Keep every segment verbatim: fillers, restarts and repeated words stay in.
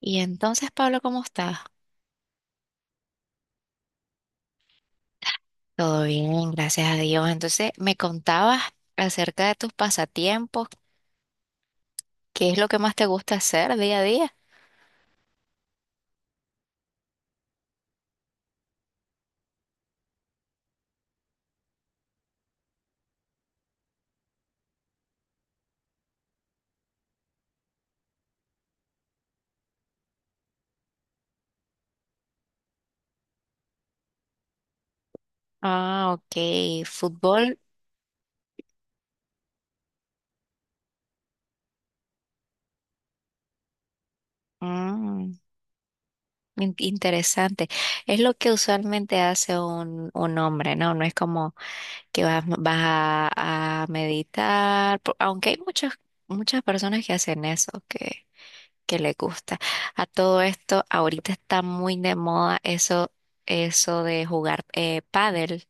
Y entonces, Pablo, ¿cómo estás? Todo bien, gracias a Dios. Entonces, me contabas acerca de tus pasatiempos, ¿qué es lo que más te gusta hacer día a día? Ah, ok, fútbol. Mm, in- interesante. Es lo que usualmente hace un, un hombre, ¿no? No es como que vas, vas a, a meditar, po- aunque hay muchas, muchas personas que hacen eso, que que le gusta. A todo esto, ahorita está muy de moda eso, eso de jugar eh, pádel.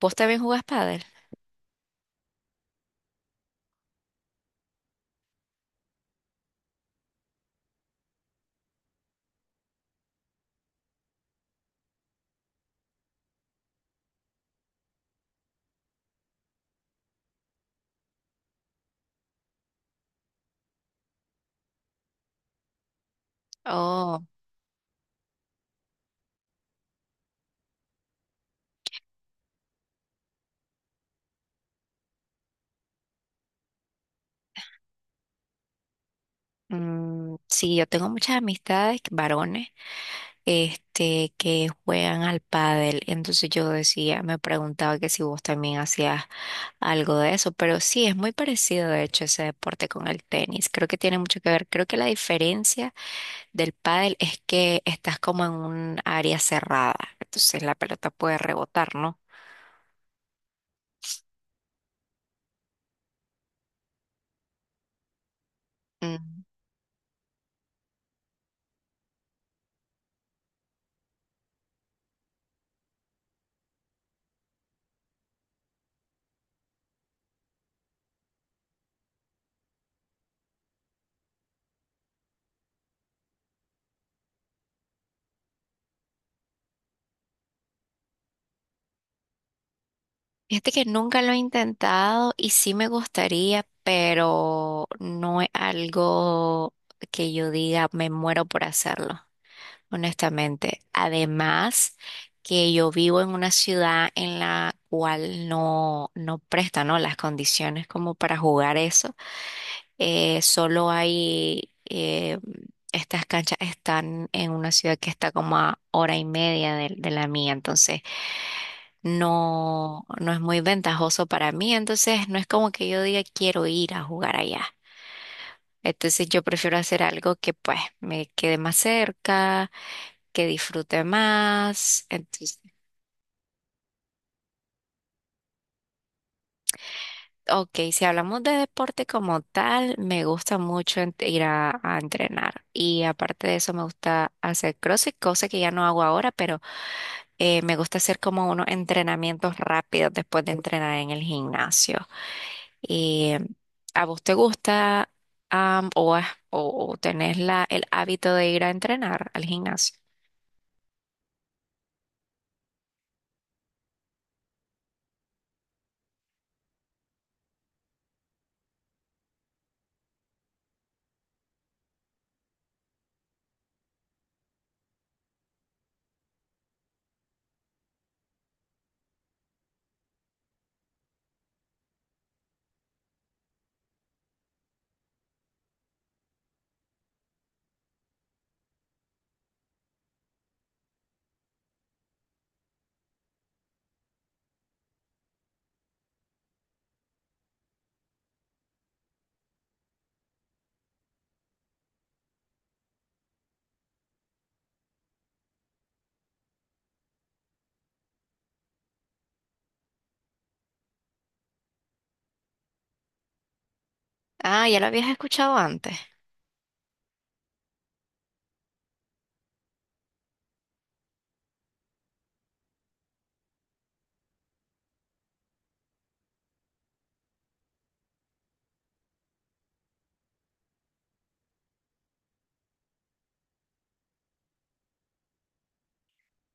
¿Vos también jugás pádel? Oh, mm, sí, yo tengo muchas amistades, varones, este, que juegan al pádel. Entonces yo decía, me preguntaba que si vos también hacías algo de eso, pero sí, es muy parecido de hecho ese deporte con el tenis. Creo que tiene mucho que ver. Creo que la diferencia del pádel es que estás como en un área cerrada, entonces la pelota puede rebotar, ¿no? Mm. Fíjate que nunca lo he intentado y sí me gustaría, pero no es algo que yo diga me muero por hacerlo, honestamente. Además, que yo vivo en una ciudad en la cual no, no presta, ¿no? las condiciones como para jugar eso. Eh, solo hay, eh, estas canchas están en una ciudad que está como a hora y media de, de la mía, entonces no, no es muy ventajoso para mí, entonces no es como que yo diga quiero ir a jugar allá. Entonces yo prefiero hacer algo que pues me quede más cerca, que disfrute más, entonces... Ok, si hablamos de deporte como tal, me gusta mucho ent- ir a, a entrenar y aparte de eso me gusta hacer CrossFit, cosa que ya no hago ahora, pero eh, me gusta hacer como unos entrenamientos rápidos después de entrenar en el gimnasio. Y, em, ¿a vos te gusta am, o, has- o, o tenés la, el hábito de ir a entrenar al gimnasio? Ah, ya lo habías escuchado antes.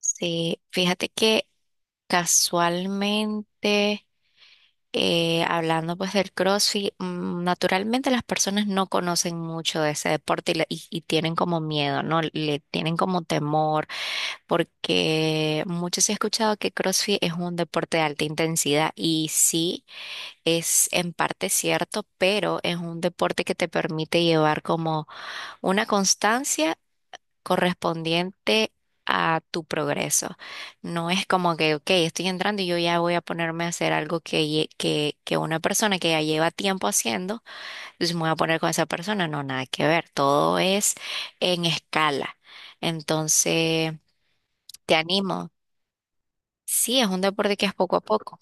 Sí, fíjate que casualmente... eh, Hablando pues del CrossFit, mm, naturalmente las personas no conocen mucho de ese deporte y, le- y- y tienen como miedo, ¿no? Le tienen como temor, porque muchos he escuchado que CrossFit es un deporte de alta intensidad y sí, es en parte cierto, pero es un deporte que te permite llevar como una constancia correspondiente a tu progreso. No es como que, ok, estoy entrando y yo ya voy a ponerme a hacer algo que, lle- que, que una persona que ya lleva tiempo haciendo, entonces me voy a poner con esa persona. No, nada que ver, todo es en escala. Entonces, te animo. Sí, es un deporte que es poco a poco.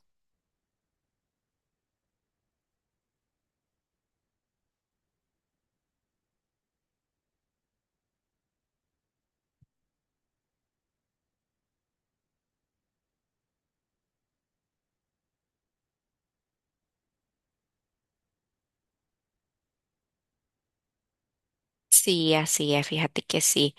Sí, así es, fíjate que sí.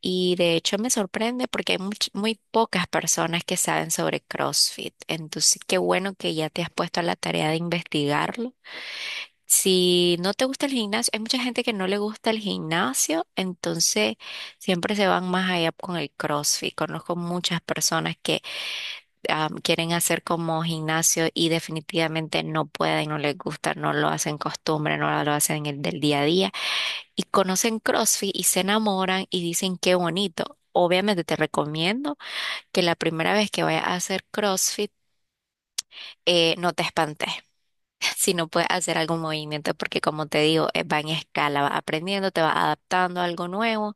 Y de hecho me sorprende porque hay much- muy pocas personas que saben sobre CrossFit. Entonces, qué bueno que ya te has puesto a la tarea de investigarlo. Si no te gusta el gimnasio, hay mucha gente que no le gusta el gimnasio, entonces siempre se van más allá con el CrossFit. Conozco muchas personas que am, quieren hacer como gimnasio y definitivamente no pueden, no les gusta, no lo hacen costumbre, no lo hacen el del día a día y conocen CrossFit y se enamoran y dicen qué bonito. Obviamente te recomiendo que la primera vez que vayas a hacer CrossFit eh, no te espantes si no puedes hacer algún movimiento porque como te digo eh, va en escala, vas aprendiendo, te vas adaptando a algo nuevo.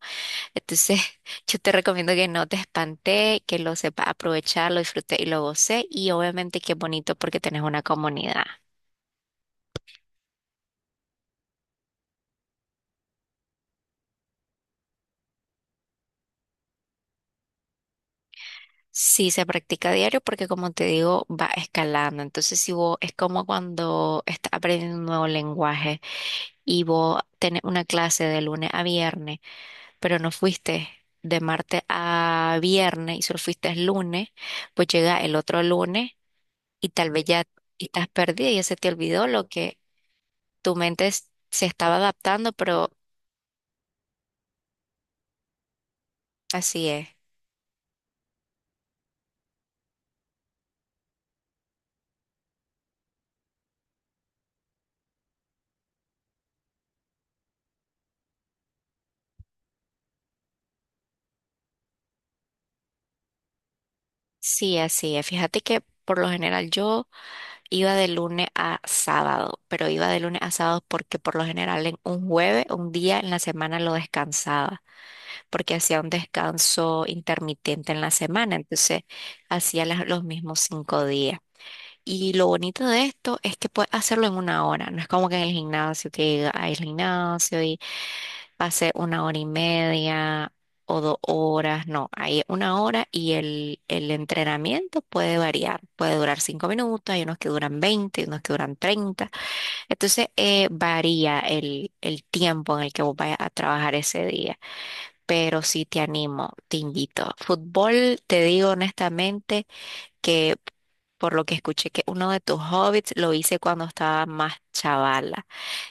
Entonces yo te recomiendo que no te espantes, que lo sepas aprovechar, lo disfrutes y lo goces y obviamente que es bonito porque tenés una comunidad. Sí, se practica a diario porque como te digo, va escalando. Entonces, si vos es como cuando estás aprendiendo un nuevo lenguaje y vos tenés una clase de lunes a viernes, pero no fuiste de martes a viernes y solo fuiste el lunes, pues llega el otro lunes y tal vez ya estás perdida, ya se te olvidó lo que tu mente es- se estaba adaptando, pero así es. Sí, así es. Fíjate que por lo general yo iba de lunes a sábado, pero iba de lunes a sábado porque por lo general en un jueves, un día en la semana lo descansaba, porque hacía un descanso intermitente en la semana, entonces hacía las- los mismos cinco días. Y lo bonito de esto es que puedes hacerlo en una hora, no es como que en el gimnasio, que hay el gimnasio pasé una hora y media o dos horas, no, hay una hora y el, el entrenamiento puede variar, puede durar cinco minutos, hay unos que duran veinte, hay unos que duran treinta, entonces eh, varía el, el tiempo en el que vos vayas a trabajar ese día, pero sí te animo, te invito. Fútbol, te digo honestamente que... Por lo que escuché que uno de tus hobbits lo hice cuando estaba más chavala.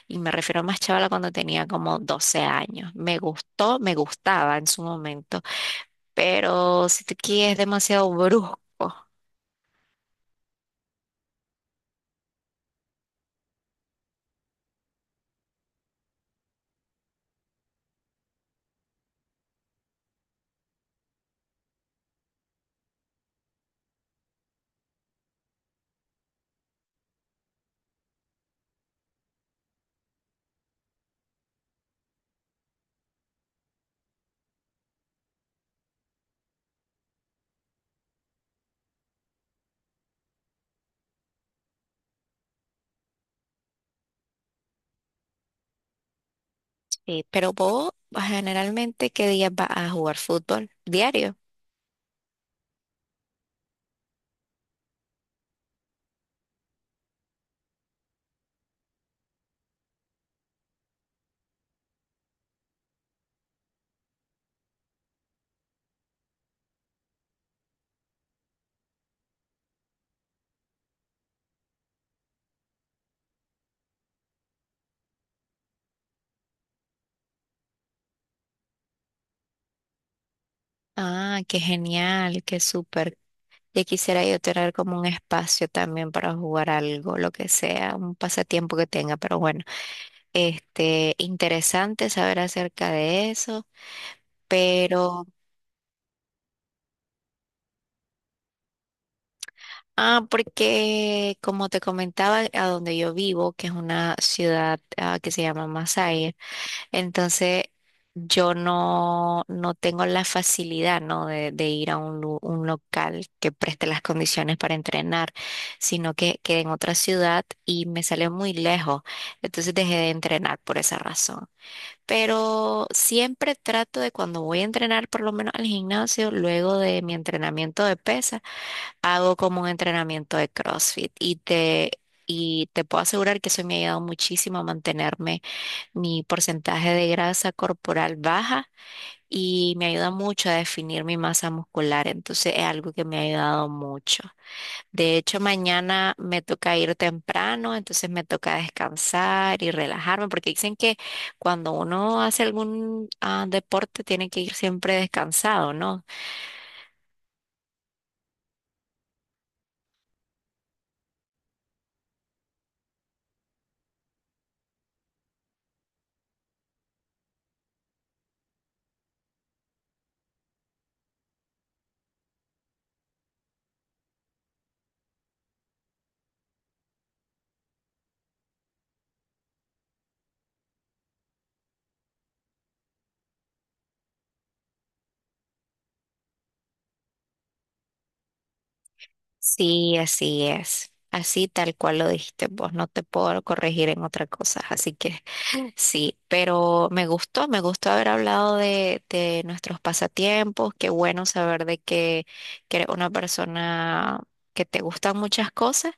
Y me refiero a más chavala cuando tenía como doce años. Me gustó, me gustaba en su momento, pero si te quieres es demasiado brusco. Sí, pero vos generalmente, ¿qué días vas a jugar fútbol? Diario. Ah, qué genial, qué súper. Ya quisiera yo tener como un espacio también para jugar algo, lo que sea, un pasatiempo que tenga, pero bueno, este, interesante saber acerca de eso, pero ah, porque como te comentaba, a donde yo vivo, que es una ciudad ah, que se llama Masaya, entonces yo no, no tengo la facilidad, ¿no? de, de ir a un, lu- un local que preste las condiciones para entrenar, sino que quedé en otra ciudad y me sale muy lejos. Entonces dejé de entrenar por esa razón. Pero siempre trato de cuando voy a entrenar, por lo menos al gimnasio, luego de mi entrenamiento de pesas, hago como un entrenamiento de CrossFit y te, y te puedo asegurar que eso me ha ayudado muchísimo a mantenerme mi porcentaje de grasa corporal baja y me ayuda mucho a definir mi masa muscular. Entonces es algo que me ha ayudado mucho. De hecho, mañana me toca ir temprano, entonces me toca descansar y relajarme porque dicen que cuando uno hace algún ah, deporte tiene que ir siempre descansado, ¿no? Sí, así es. Así tal cual lo dijiste vos, no te puedo corregir en otra cosa. Así que sí, pero me gustó, me gustó haber hablado de, de nuestros pasatiempos. Qué bueno saber de que, que eres una persona que te gustan muchas cosas,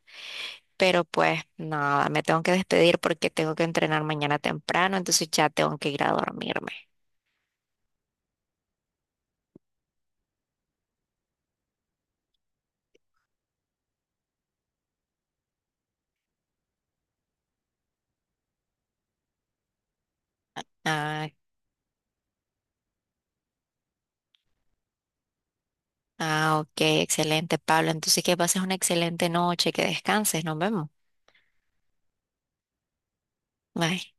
pero pues nada, me tengo que despedir porque tengo que entrenar mañana temprano, entonces ya tengo que ir a dormirme. Ah, ah, ok, excelente, Pablo. Entonces que pases una excelente noche, que descanses, nos vemos. Bye.